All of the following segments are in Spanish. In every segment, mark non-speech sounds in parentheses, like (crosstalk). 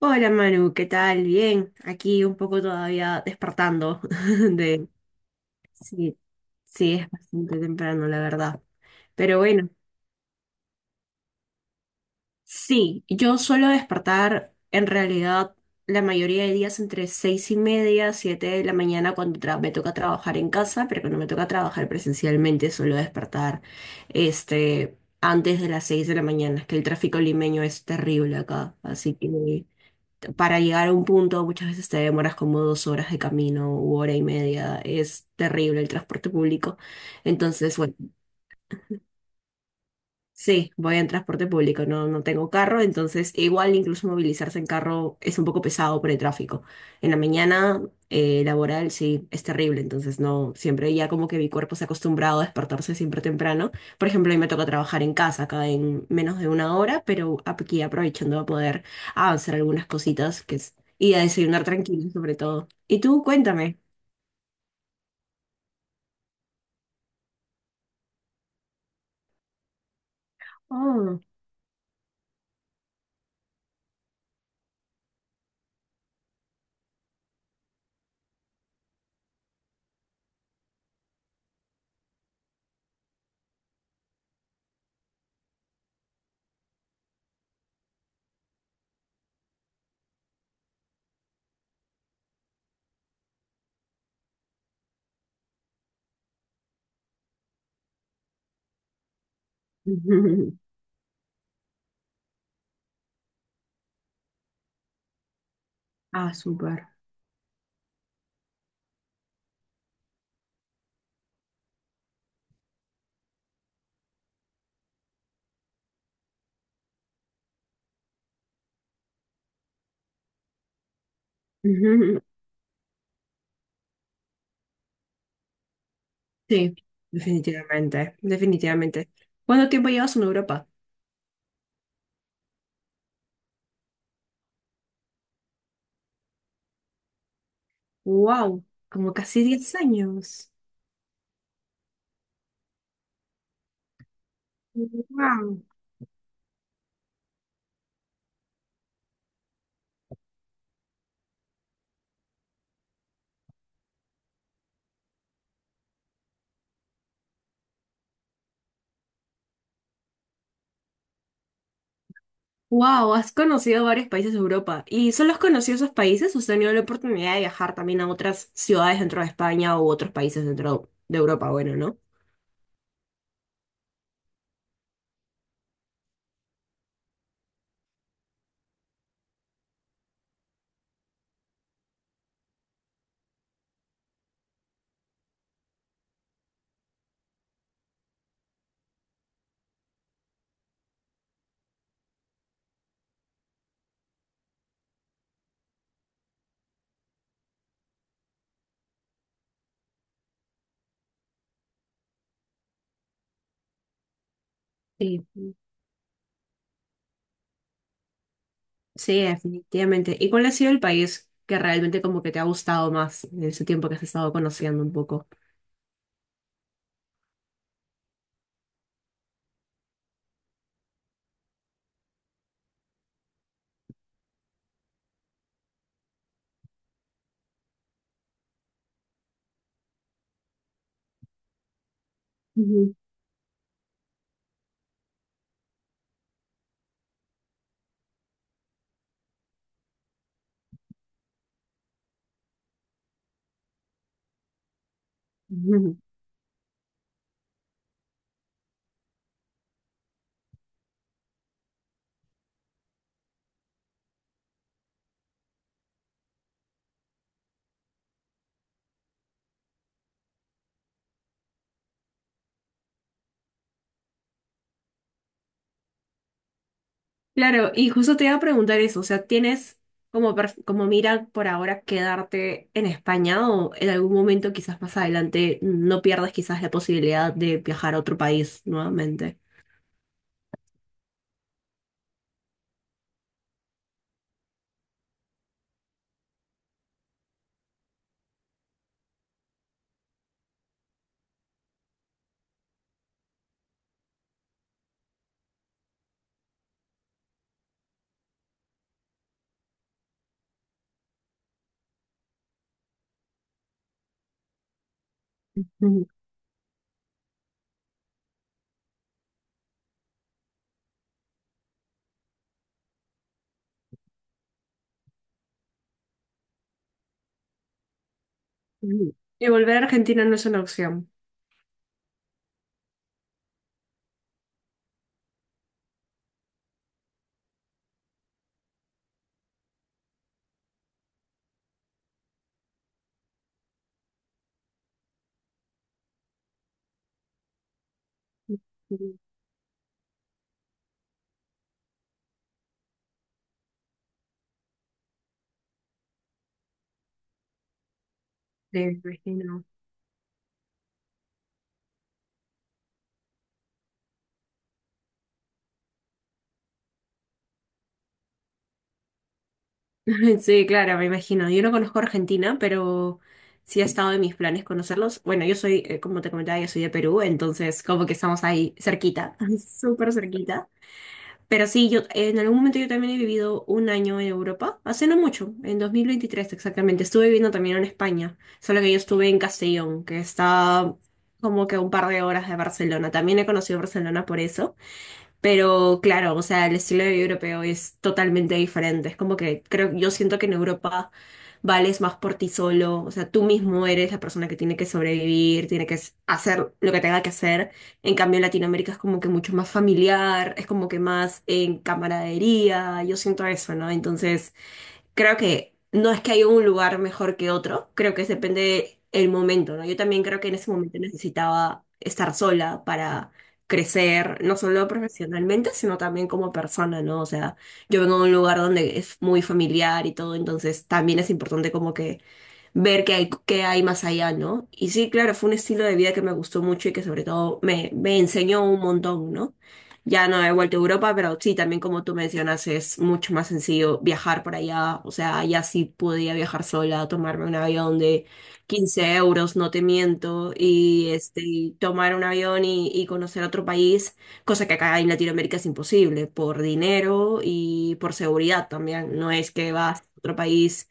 Hola Manu, ¿qué tal? Bien, aquí un poco todavía despertando (laughs) de... Sí, sí, es bastante temprano, la verdad. Pero bueno, sí, yo suelo despertar en realidad la mayoría de días entre seis y media, siete de la mañana cuando me toca trabajar en casa, pero cuando me toca trabajar presencialmente suelo despertar antes de las seis de la mañana, es que el tráfico limeño es terrible acá, así que... para llegar a un punto muchas veces te demoras como dos horas de camino u hora y media. Es terrible el transporte público. Entonces, bueno. Sí, voy en transporte público, no, no tengo carro, entonces igual incluso movilizarse en carro es un poco pesado por el tráfico. En la mañana laboral sí es terrible, entonces no, siempre ya como que mi cuerpo se ha acostumbrado a despertarse siempre temprano. Por ejemplo, a mí me toca trabajar en casa acá en menos de una hora, pero aquí aprovechando a poder avanzar algunas cositas que es, y a desayunar tranquilo sobre todo. Y tú, cuéntame. Oh. (laughs) Ah, súper. (laughs) Sí, definitivamente, definitivamente. ¿Cuánto tiempo llevas en Europa? Wow, como casi 10 años. Wow. Wow, has conocido varios países de Europa. ¿Y solo has conocido esos países o has tenido la oportunidad de viajar también a otras ciudades dentro de España u otros países dentro de Europa? Bueno, ¿no? Sí. Sí, definitivamente. ¿Y cuál ha sido el país que realmente como que te ha gustado más en ese tiempo que has estado conociendo un poco? Ujú, ujú. Claro, y justo te iba a preguntar eso, o sea, ¿tienes como mira por ahora quedarte en España o en algún momento quizás más adelante no pierdas quizás la posibilidad de viajar a otro país nuevamente? Ujú, ujú, y volver a Argentina no es una opción. Ujú. Sí, me imagino. (laughs) Sí, claro, me imagino. Yo no conozco Argentina, pero sí ha estado en mis planes conocerlos. Bueno, yo soy, como te comentaba, yo soy de Perú, entonces como que estamos ahí cerquita, (laughs) súper cerquita. Pero sí, yo en algún momento yo también he vivido un año en Europa, hace no mucho, en 2023 exactamente. Estuve viviendo también en España, solo que yo estuve en Castellón, que está como que a un par de horas de Barcelona. También he conocido Barcelona por eso. Pero claro, o sea, el estilo de vida europeo es totalmente diferente. Es como que creo, yo siento que en Europa vales más por ti solo. O sea, tú mismo eres la persona que tiene que sobrevivir, tiene que hacer lo que tenga que hacer. En cambio, en Latinoamérica es como que mucho más familiar, es como que más en camaradería. Yo siento eso, ¿no? Entonces. Creo que no es que haya un lugar mejor que otro, creo que depende el momento, ¿no? Yo también creo que en ese momento necesitaba estar sola para crecer, no solo profesionalmente, sino también como persona, ¿no? O sea, yo vengo de un lugar donde es muy familiar y todo, entonces también es importante como que ver qué hay más allá, ¿no? Y sí, claro, fue un estilo de vida que me gustó mucho y que sobre todo me, me enseñó un montón, ¿no? Ya no he vuelto a Europa, pero sí, también como tú mencionas, es mucho más sencillo viajar por allá. O sea, allá sí podía viajar sola, tomarme un avión de 15 euros, no te miento, y este, y tomar un avión y conocer otro país, cosa que acá en Latinoamérica es imposible, por dinero y por seguridad también. No es que vas a otro país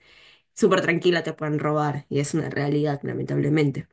súper tranquila te pueden robar y es una realidad, lamentablemente.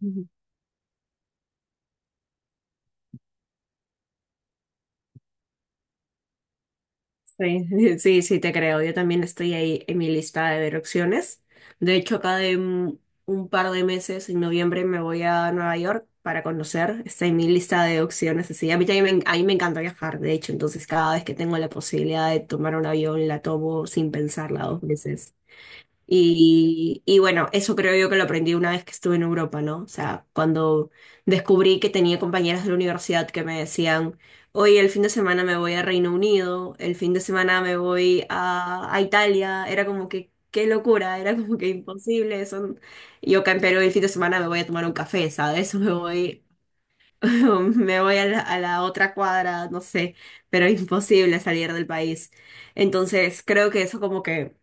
Ujú. Sí, (laughs) sí, sí, te creo. Yo también estoy ahí en mi lista de ver opciones. De hecho, acá de un par de meses, en noviembre, me voy a Nueva York para conocer. Está en mi lista de opciones. Así, a mí también a mí me encanta viajar, de hecho. Entonces, cada vez que tengo la posibilidad de tomar un avión, la tomo sin pensarla dos veces. Y bueno, eso creo yo que lo aprendí una vez que estuve en Europa, ¿no? O sea, cuando descubrí que tenía compañeras de la universidad que me decían, oye, el fin de semana me voy a Reino Unido, el fin de semana me voy a Italia, era como que, qué locura, era como que imposible. Eso... Yo acá en Perú el fin de semana me voy a tomar un café, ¿sabes? (laughs) Me voy, (laughs) me voy a a la otra cuadra, no sé, pero imposible salir del país. Entonces, creo que eso como que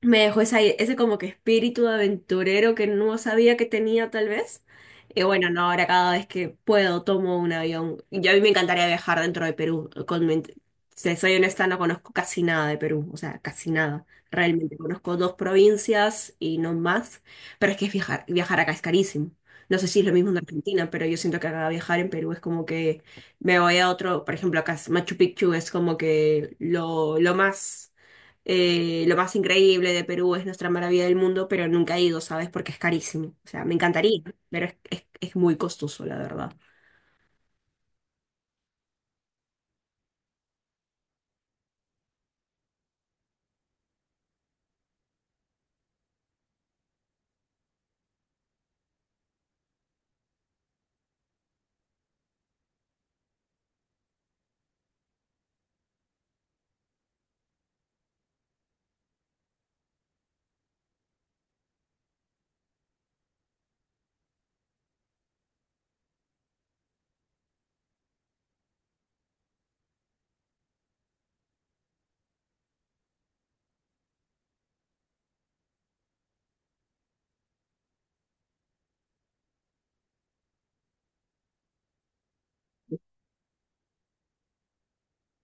me dejó ese como que espíritu aventurero que no sabía que tenía tal vez. Y bueno, no, ahora cada vez que puedo tomo un avión. Y a mí me encantaría viajar dentro de Perú. Si soy honesta, no conozco casi nada de Perú, o sea, casi nada. Realmente conozco dos provincias y no más, pero es que es viajar acá es carísimo. No sé si es lo mismo en Argentina, pero yo siento que acá viajar en Perú es como que me voy a otro, por ejemplo, acá es Machu Picchu es como que lo más increíble de Perú es nuestra maravilla del mundo, pero nunca he ido, ¿sabes? Porque es carísimo. O sea, me encantaría, pero es muy costoso, la verdad.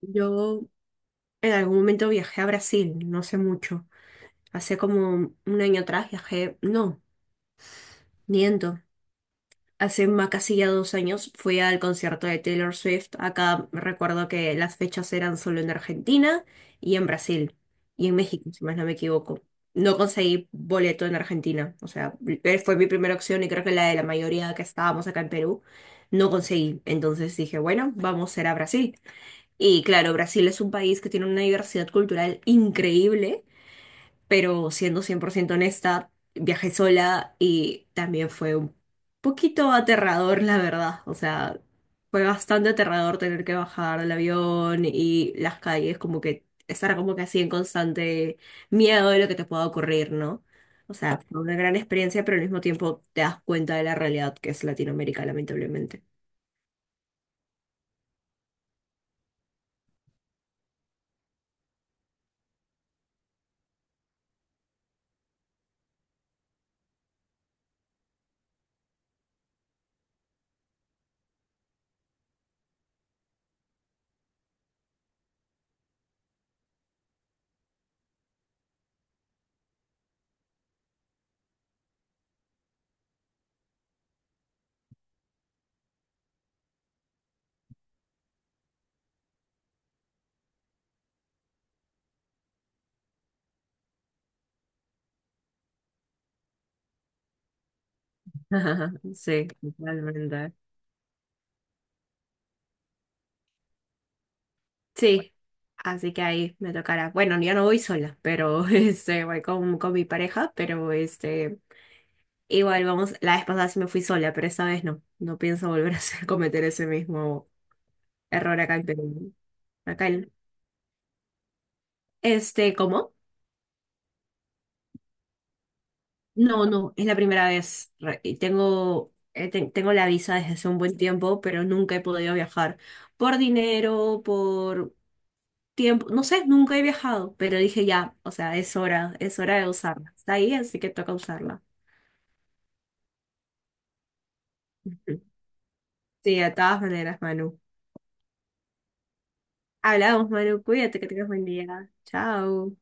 Yo en algún momento viajé a Brasil, no sé mucho. Hace como un año atrás viajé, no, miento. Hace más casi ya dos años fui al concierto de Taylor Swift. Acá recuerdo que las fechas eran solo en Argentina y en Brasil y en México, si más no me equivoco. No conseguí boleto en Argentina, o sea, fue mi primera opción y creo que la de la mayoría que estábamos acá en Perú, no conseguí. Entonces dije, bueno, vamos a ir a Brasil. Y claro, Brasil es un país que tiene una diversidad cultural increíble pero siendo 100% honesta, viajé sola y también fue un poquito aterrador, la verdad. O sea, fue bastante aterrador tener que bajar del avión y las calles, como que estar como que así en constante miedo de lo que te pueda ocurrir, ¿no? O sea, fue una gran experiencia, pero al mismo tiempo te das cuenta de la realidad que es Latinoamérica, lamentablemente. (laughs) Sí, totalmente. Sí, así que ahí me tocará. Bueno, yo no voy sola, pero (laughs) este, voy con mi pareja, pero este, igual vamos, la vez pasada sí me fui sola, pero esta vez no, no pienso volver a hacer, (laughs) cometer ese mismo error acá en Perú. Acá en- este, ¿cómo? No, no, es la primera vez. Tengo la visa desde hace un buen tiempo, pero nunca he podido viajar por dinero, por tiempo, no sé, nunca he viajado, pero dije ya, o sea, es hora de usarla. Está ahí, así que toca usarla. Ujú. Sí, de todas maneras, Manu. Hablamos, Manu, cuídate que tengas buen día. Chao.